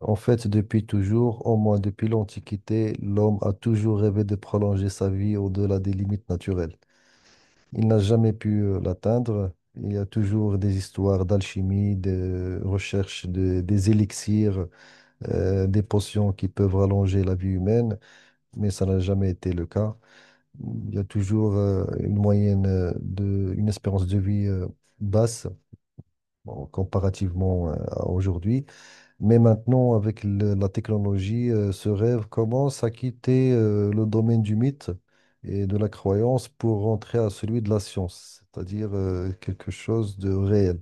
En fait, depuis toujours, au moins depuis l'Antiquité, l'homme a toujours rêvé de prolonger sa vie au-delà des limites naturelles. Il n'a jamais pu l'atteindre. Il y a toujours des histoires d'alchimie, des élixirs, des potions qui peuvent rallonger la vie humaine, mais ça n'a jamais été le cas. Il y a toujours une moyenne une espérance de vie basse, bon, comparativement à aujourd'hui. Mais maintenant, avec la technologie, ce rêve commence à quitter le domaine du mythe et de la croyance pour rentrer à celui de la science, c'est-à-dire quelque chose de réel.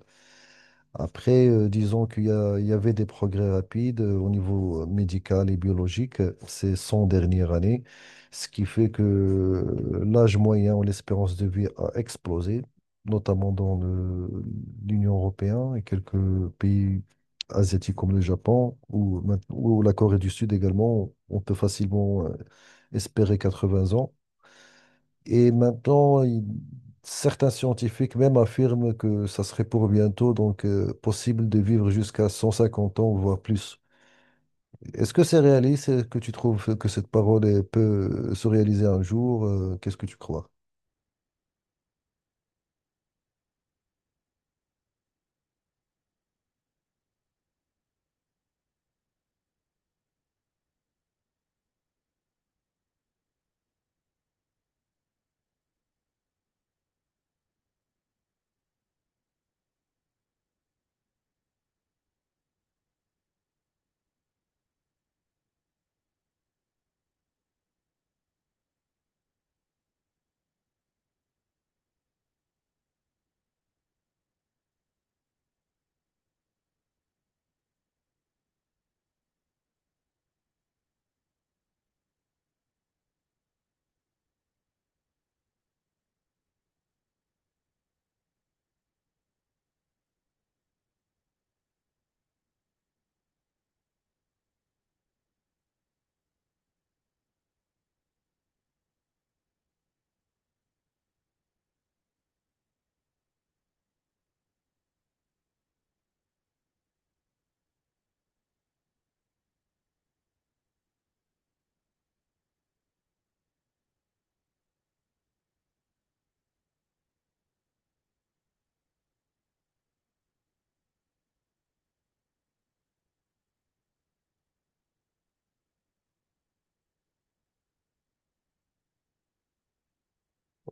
Après, disons il y avait des progrès rapides au niveau médical et biologique ces 100 dernières années, ce qui fait que l'âge moyen ou l'espérance de vie a explosé, notamment dans l'Union européenne et quelques pays asiatiques comme le Japon ou, ou la Corée du Sud également. On peut facilement espérer 80 ans. Et maintenant, certains scientifiques même affirment que ça serait pour bientôt, donc possible de vivre jusqu'à 150 ans, voire plus. Est-ce que c'est réaliste? Est-ce que tu trouves que cette parole elle peut se réaliser un jour? Qu'est-ce que tu crois?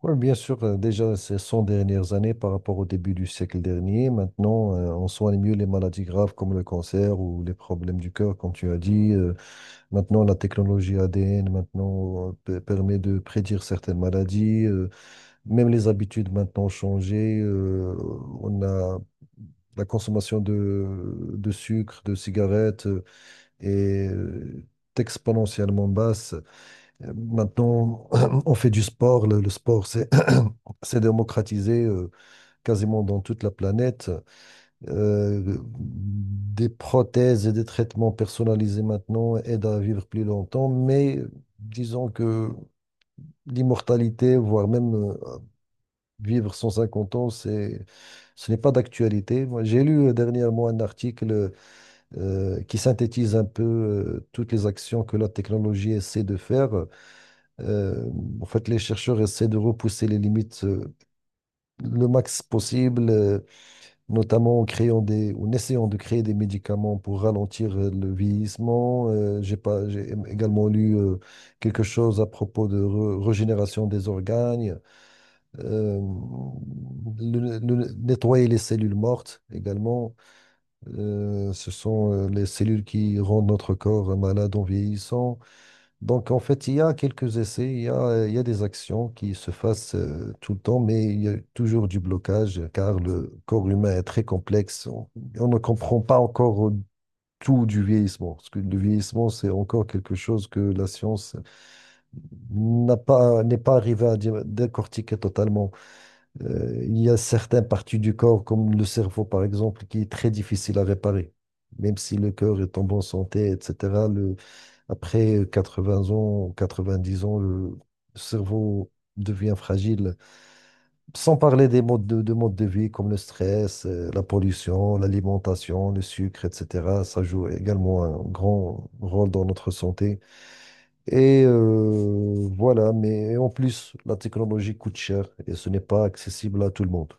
Oui, bien sûr, déjà ces 100 dernières années par rapport au début du siècle dernier, maintenant on soigne mieux les maladies graves comme le cancer ou les problèmes du cœur, comme tu as dit. Maintenant la technologie ADN maintenant permet de prédire certaines maladies. Même les habitudes maintenant ont changé. On a la consommation de sucre, de cigarettes est exponentiellement basse. Maintenant, on fait du sport. Le sport, c'est c'est démocratisé quasiment dans toute la planète. Des prothèses et des traitements personnalisés maintenant aident à vivre plus longtemps, mais disons que l'immortalité, voire même vivre 150 ans, c'est, ce n'est pas d'actualité. Moi, j'ai lu dernièrement un article qui synthétise un peu toutes les actions que la technologie essaie de faire. Euh, En fait, les chercheurs essaient de repousser les limites le max possible, notamment en créant ou en essayant de créer des médicaments pour ralentir le vieillissement. J'ai pas, J'ai également lu quelque chose à propos régénération des organes euh, nettoyer les cellules mortes également. Ce sont les cellules qui rendent notre corps malade en vieillissant. Donc, en fait, il y a quelques essais, il y a des actions qui se fassent tout le temps, mais il y a toujours du blocage car le corps humain est très complexe. On ne comprend pas encore tout du vieillissement, parce que le vieillissement, c'est encore quelque chose que la science n'est pas arrivée à décortiquer totalement. Il y a certaines parties du corps, comme le cerveau par exemple, qui est très difficile à réparer. Même si le cœur est en bonne santé, etc., après 80 ans, 90 ans, le cerveau devient fragile. Sans parler des de modes de vie comme le stress, la pollution, l'alimentation, le sucre, etc. Ça joue également un grand rôle dans notre santé. Et voilà, mais en plus, la technologie coûte cher et ce n'est pas accessible à tout le monde.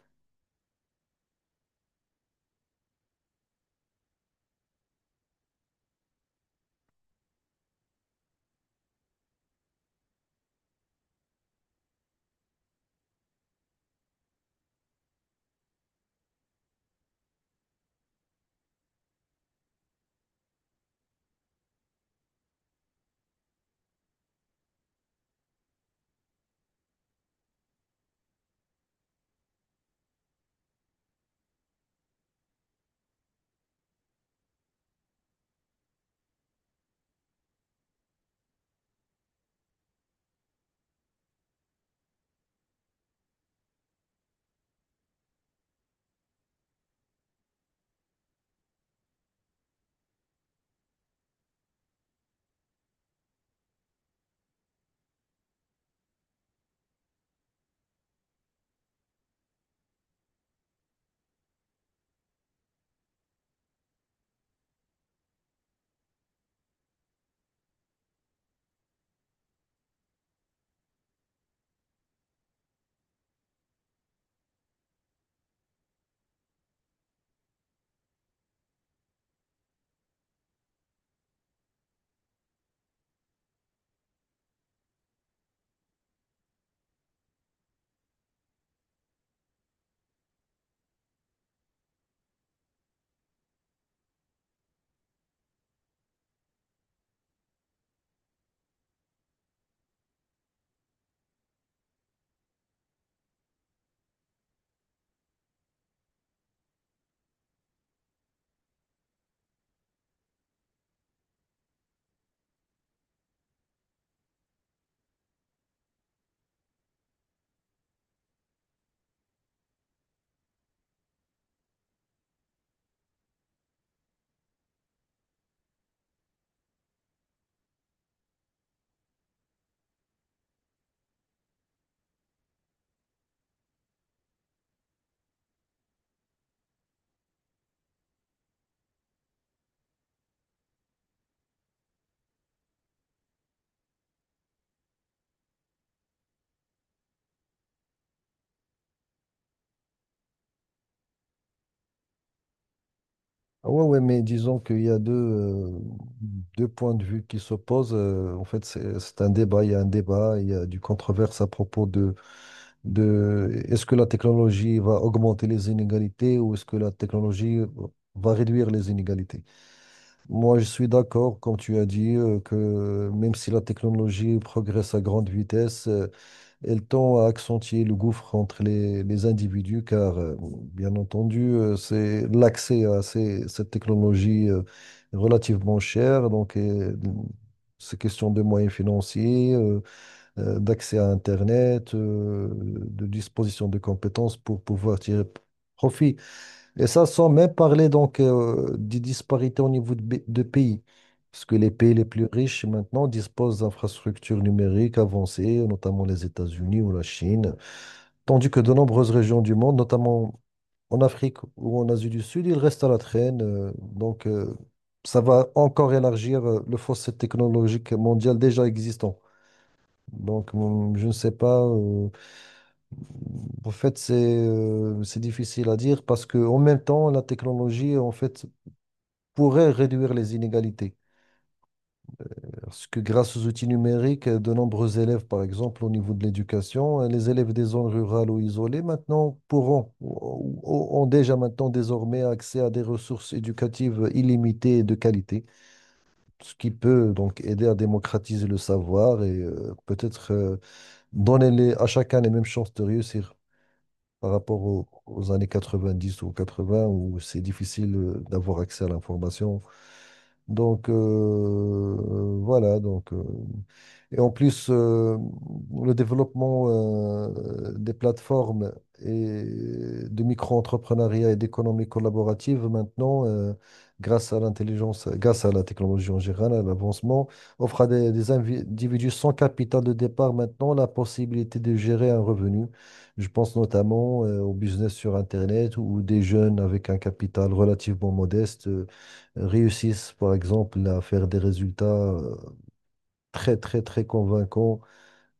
Ah ouais, ouais, mais disons qu'il y a deux, deux points de vue qui s'opposent. En fait, c'est un débat, il y a un débat, il y a du controverse à propos de est-ce que la technologie va augmenter les inégalités ou est-ce que la technologie va réduire les inégalités? Moi, je suis d'accord, comme tu as dit, que même si la technologie progresse à grande vitesse, elle tend à accentuer le gouffre entre les individus car, bon, bien entendu, c'est l'accès à cette technologie relativement chère. Donc, c'est question de moyens financiers, d'accès à Internet, de disposition de compétences pour pouvoir tirer profit et ça, sans même parler donc des disparités au niveau de pays. Parce que les pays les plus riches maintenant disposent d'infrastructures numériques avancées, notamment les États-Unis ou la Chine, tandis que de nombreuses régions du monde, notamment en Afrique ou en Asie du Sud, ils restent à la traîne. Donc, ça va encore élargir le fossé technologique mondial déjà existant. Donc, je ne sais pas. En fait, c'est difficile à dire parce que en même temps, la technologie, en fait, pourrait réduire les inégalités. Parce que grâce aux outils numériques, de nombreux élèves, par exemple, au niveau de l'éducation, les élèves des zones rurales ou isolées, maintenant ont déjà maintenant désormais accès à des ressources éducatives illimitées et de qualité, ce qui peut donc aider à démocratiser le savoir et peut-être donner à chacun les mêmes chances de réussir, par rapport aux années 90 ou 80 où c'est difficile d'avoir accès à l'information. Donc euh, voilà, donc euh, et en plus, le développement des plateformes et de micro-entrepreneuriat et d'économie collaborative maintenant, grâce à grâce à la technologie en général, à l'avancement, offre à des individus sans capital de départ maintenant la possibilité de gérer un revenu. Je pense notamment au business sur Internet où des jeunes avec un capital relativement modeste réussissent, par exemple, à faire des résultats très, très, très convaincant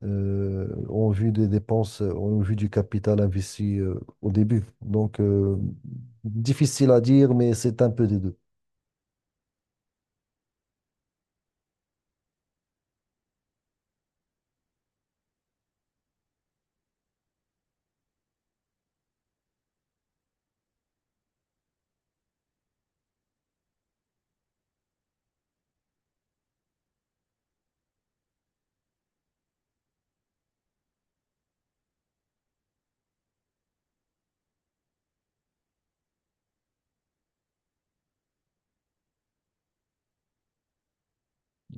en vue des dépenses, en vue du capital investi au début. Donc, difficile à dire, mais c'est un peu des deux.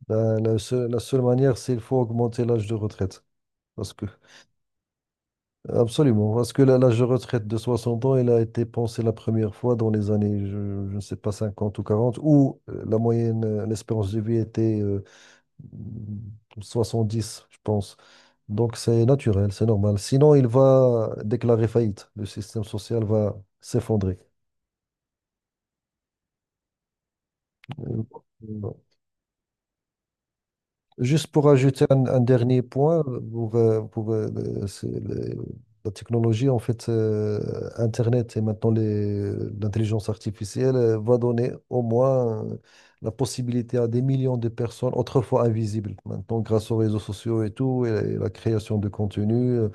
Ben, la seule manière, c'est qu'il faut augmenter l'âge de retraite. Parce que, absolument, parce que l'âge de retraite de 60 ans, il a été pensé la première fois dans les années, je ne sais pas, 50 ou 40 où l'espérance de vie était dix je pense. Donc c'est naturel, c'est normal. Sinon, il va déclarer faillite. Le système social va s'effondrer. Euh, bon. Juste pour ajouter un dernier point, pour, le- c'est le- la technologie, en fait, Internet et maintenant l'intelligence artificielle va donner au moins la possibilité à des millions de personnes autrefois invisibles, maintenant grâce aux réseaux sociaux et tout, et, la création de contenu.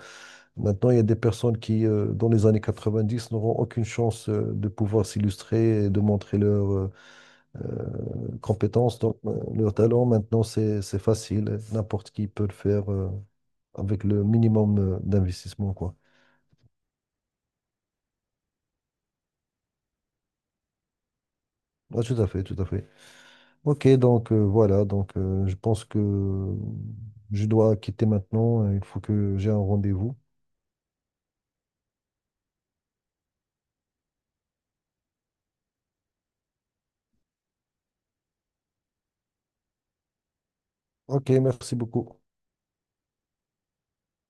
Maintenant, il y a des personnes qui, dans les années 90, n'auront aucune chance de pouvoir s'illustrer et de montrer leurs compétences, donc leurs talents. Maintenant, c'est facile. N'importe qui peut le faire avec le minimum d'investissement, quoi. Ah, tout à fait, tout à fait. Ok, donc je pense que je dois quitter maintenant. Il faut que j'ai un rendez-vous. Ok, merci beaucoup.